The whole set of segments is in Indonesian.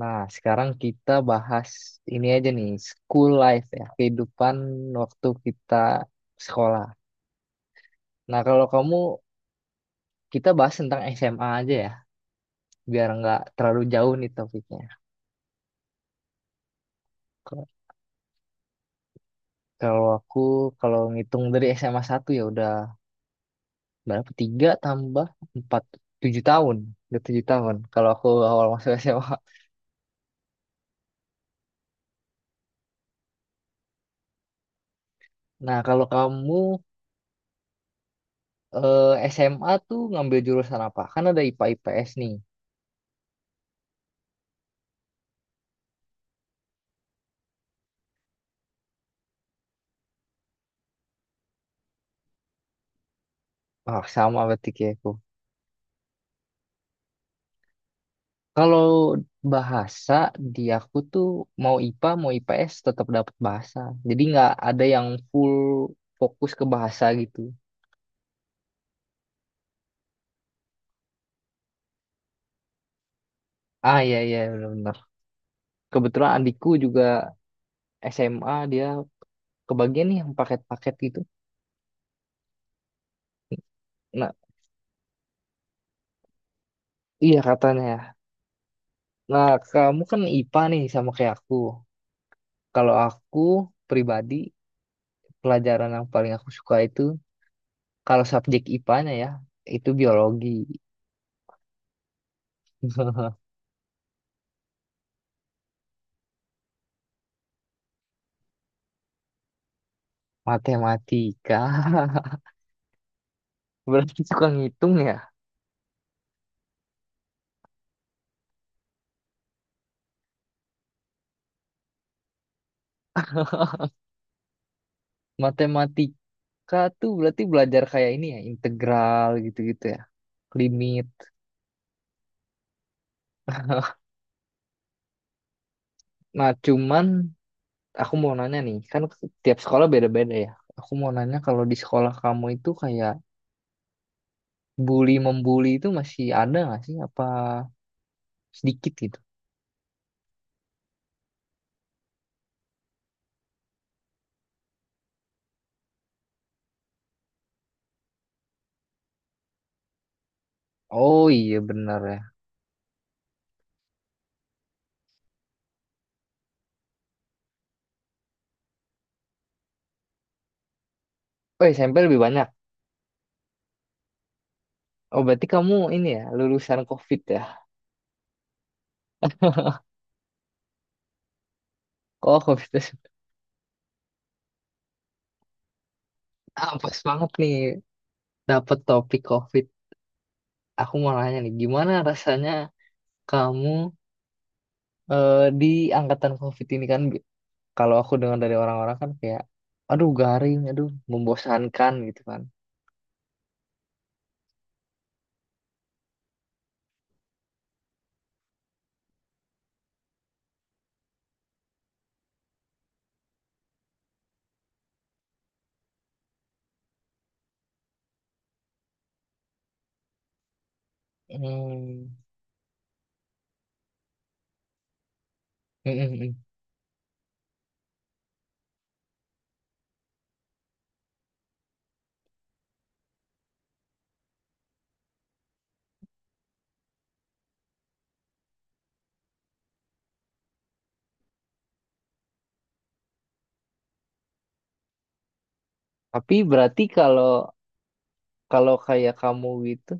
Nah, sekarang kita bahas ini aja nih, school life ya, kehidupan waktu kita sekolah. Nah, kalau kamu, kita bahas tentang SMA aja ya, biar nggak terlalu jauh nih topiknya. Kalau kalau aku, kalau ngitung dari SMA satu ya udah berapa? Tiga tambah 4 7 tahun. Udah 7 tahun, kalau aku awal masuk SMA. Nah, kalau kamu eh, SMA tuh ngambil jurusan apa? Kan ada IPA-IPS nih. Ah, sama berarti kayak aku. Kalau bahasa di aku tuh mau IPA mau IPS tetap dapat bahasa. Jadi nggak ada yang full fokus ke bahasa gitu. Ah, iya iya benar-benar. Kebetulan adikku juga SMA dia kebagian nih yang paket-paket gitu. Nah, iya katanya. Nah, kamu kan IPA nih sama kayak aku. Kalau aku pribadi, pelajaran yang paling aku suka itu kalau subjek IPA-nya ya itu biologi, matematika. Berarti suka ngitung ya. Matematika tuh berarti belajar kayak ini ya, integral gitu-gitu ya, limit. Nah, cuman aku mau nanya nih, kan tiap sekolah beda-beda ya. Aku mau nanya kalau di sekolah kamu itu kayak bully membuli itu masih ada nggak sih? Apa sedikit gitu? Oh, iya benar ya. Oh, SMP lebih banyak. Oh, berarti kamu ini ya lulusan COVID ya? Oh COVID itu- ah, pas banget nih dapet topik COVID. Aku mau nanya nih, gimana rasanya kamu di angkatan COVID ini kan bi- kalau aku dengar dari orang-orang kan kayak aduh garing, aduh membosankan gitu kan. Hmm. Mm, mm, mm. Tapi berarti kalau kalau kayak kamu gitu,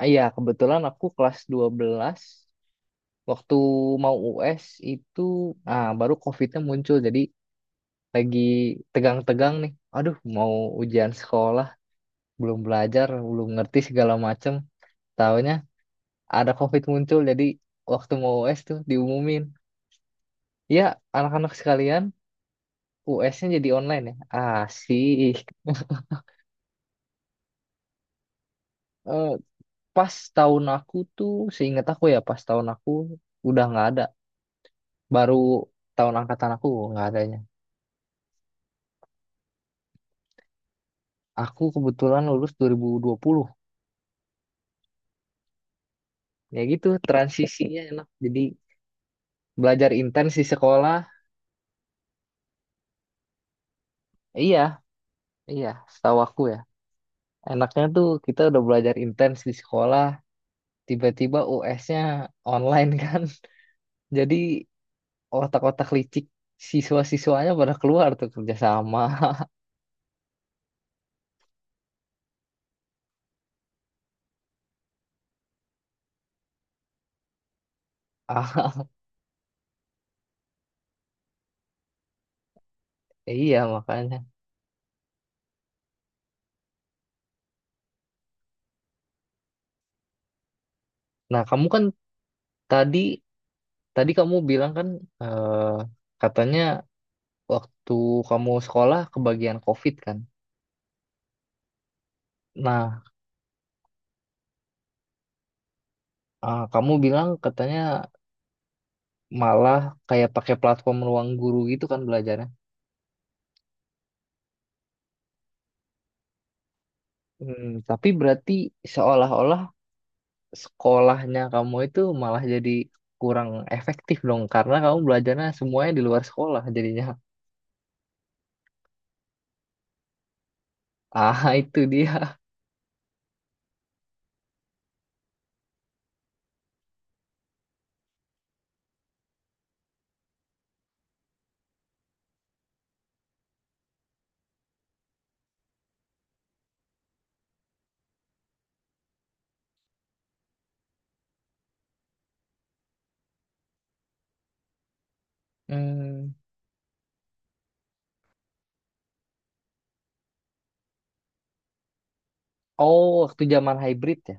ah, ya kebetulan aku kelas 12 waktu mau US itu ah baru COVID-nya muncul jadi lagi tegang-tegang nih. Aduh, mau ujian sekolah, belum belajar, belum ngerti segala macem. Taunya ada COVID muncul jadi waktu mau US tuh diumumin ya anak-anak sekalian US-nya jadi online ya asik. Eh, Pas tahun aku tuh seingat aku ya, pas tahun aku udah nggak ada, baru tahun angkatan aku nggak adanya, aku kebetulan lulus 2020, ya gitu transisinya enak jadi belajar intens di sekolah. Iya iya setahu aku ya, enaknya tuh kita udah belajar intens di sekolah tiba-tiba US-nya online kan jadi otak-otak licik siswa-siswanya pada keluar tuh kerjasama. Ah, iya makanya. Nah, kamu kan tadi tadi kamu bilang kan, eh, katanya waktu kamu sekolah kebagian COVID kan. Nah, ah, kamu bilang katanya malah kayak pakai platform ruang guru gitu kan belajarnya. Hmm, tapi berarti seolah-olah sekolahnya kamu itu malah jadi kurang efektif dong karena kamu belajarnya semuanya di luar sekolah jadinya. Ah, itu dia. Hmm. Oh, waktu zaman hybrid ya.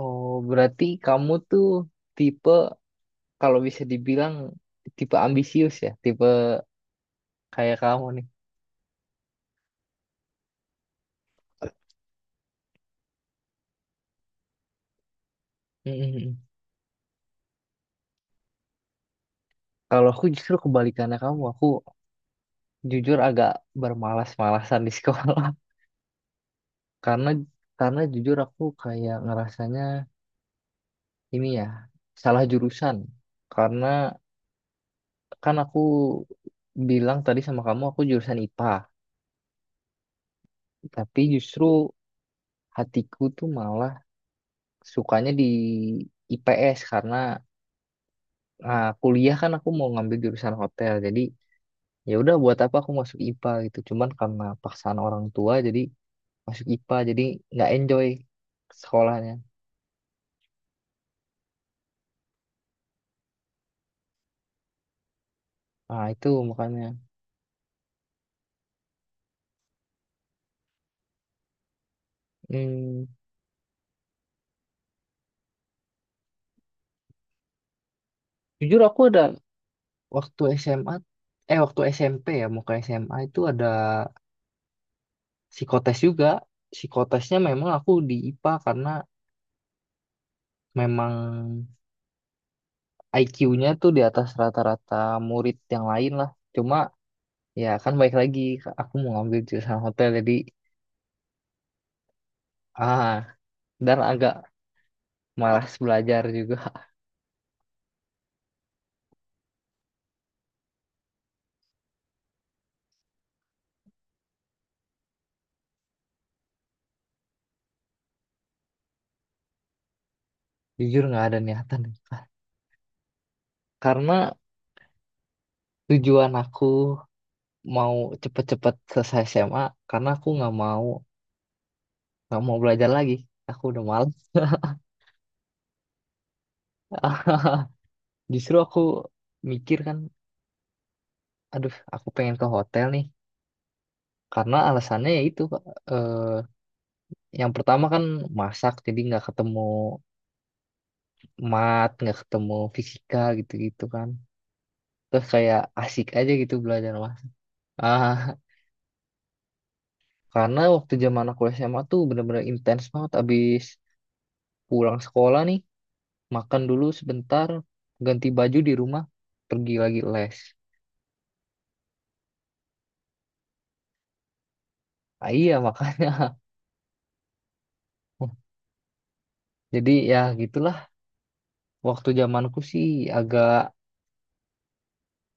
Oh, berarti kamu tuh tipe, kalau bisa dibilang, tipe ambisius ya, tipe kayak kamu nih. Mm-mm. Kalau aku justru kebalikannya kamu, aku jujur agak bermalas-malasan di sekolah karena karena jujur aku kayak ngerasanya ini ya, salah jurusan, karena kan aku bilang tadi sama kamu aku jurusan IPA tapi justru hatiku tuh malah sukanya di IPS karena ah, kuliah kan aku mau ngambil jurusan hotel jadi ya udah buat apa aku masuk IPA gitu cuman karena paksaan orang tua jadi masuk IPA jadi nggak enjoy sekolahnya. Ah itu makanya. Hmm, jujur aku ada waktu SMA, waktu SMP ya mau ke SMA itu, ada psikotes juga, psikotesnya memang aku di IPA karena memang IQ-nya tuh di atas rata-rata murid yang lain lah, cuma ya kan baik lagi aku mau ngambil jurusan hotel jadi ah dan agak malas belajar juga. Jujur nggak ada niatan karena tujuan aku mau cepet-cepet selesai SMA karena aku nggak mau belajar lagi, aku udah malas. Justru aku mikir kan aduh aku pengen ke hotel nih karena alasannya ya itu Kak. eh, yang pertama kan masak jadi nggak ketemu mat nggak ketemu fisika gitu-gitu kan, terus kayak asik aja gitu belajar mas. Ah, karena waktu zaman aku SMA tuh bener-bener intens banget, abis pulang sekolah nih makan dulu sebentar, ganti baju di rumah, pergi lagi les. Ah, iya makanya. Jadi ya gitulah, waktu zamanku sih agak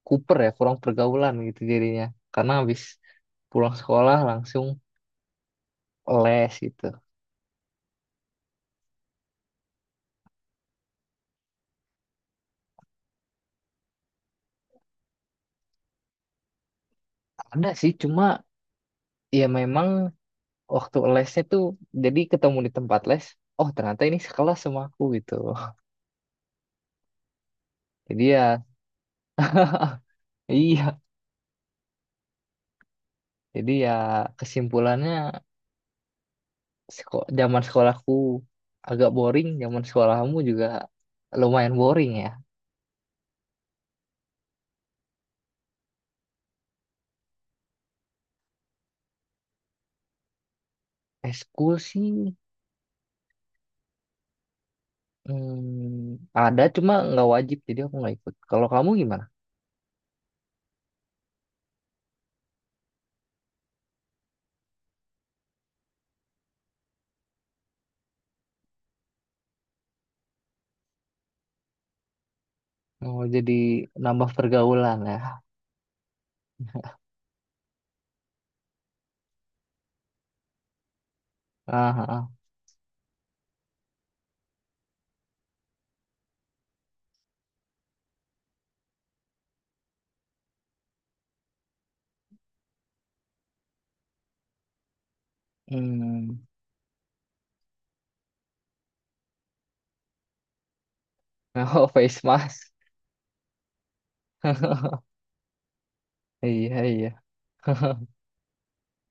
kuper ya, kurang pergaulan gitu jadinya, karena habis pulang sekolah langsung les gitu. Ada sih cuma ya memang waktu lesnya tuh jadi ketemu di tempat les, oh ternyata ini sekelas sama aku gitu. Jadi ya iya, jadi ya kesimpulannya seko zaman sekolahku agak boring, zaman sekolahmu juga lumayan boring ya. Eskul sih, hmm, ada cuma nggak wajib jadi aku nggak ikut, kalau kamu gimana? Mau jadi nambah pergaulan ya. Ah, ah, ah. Hmm. Oh, face mask. Iya iya.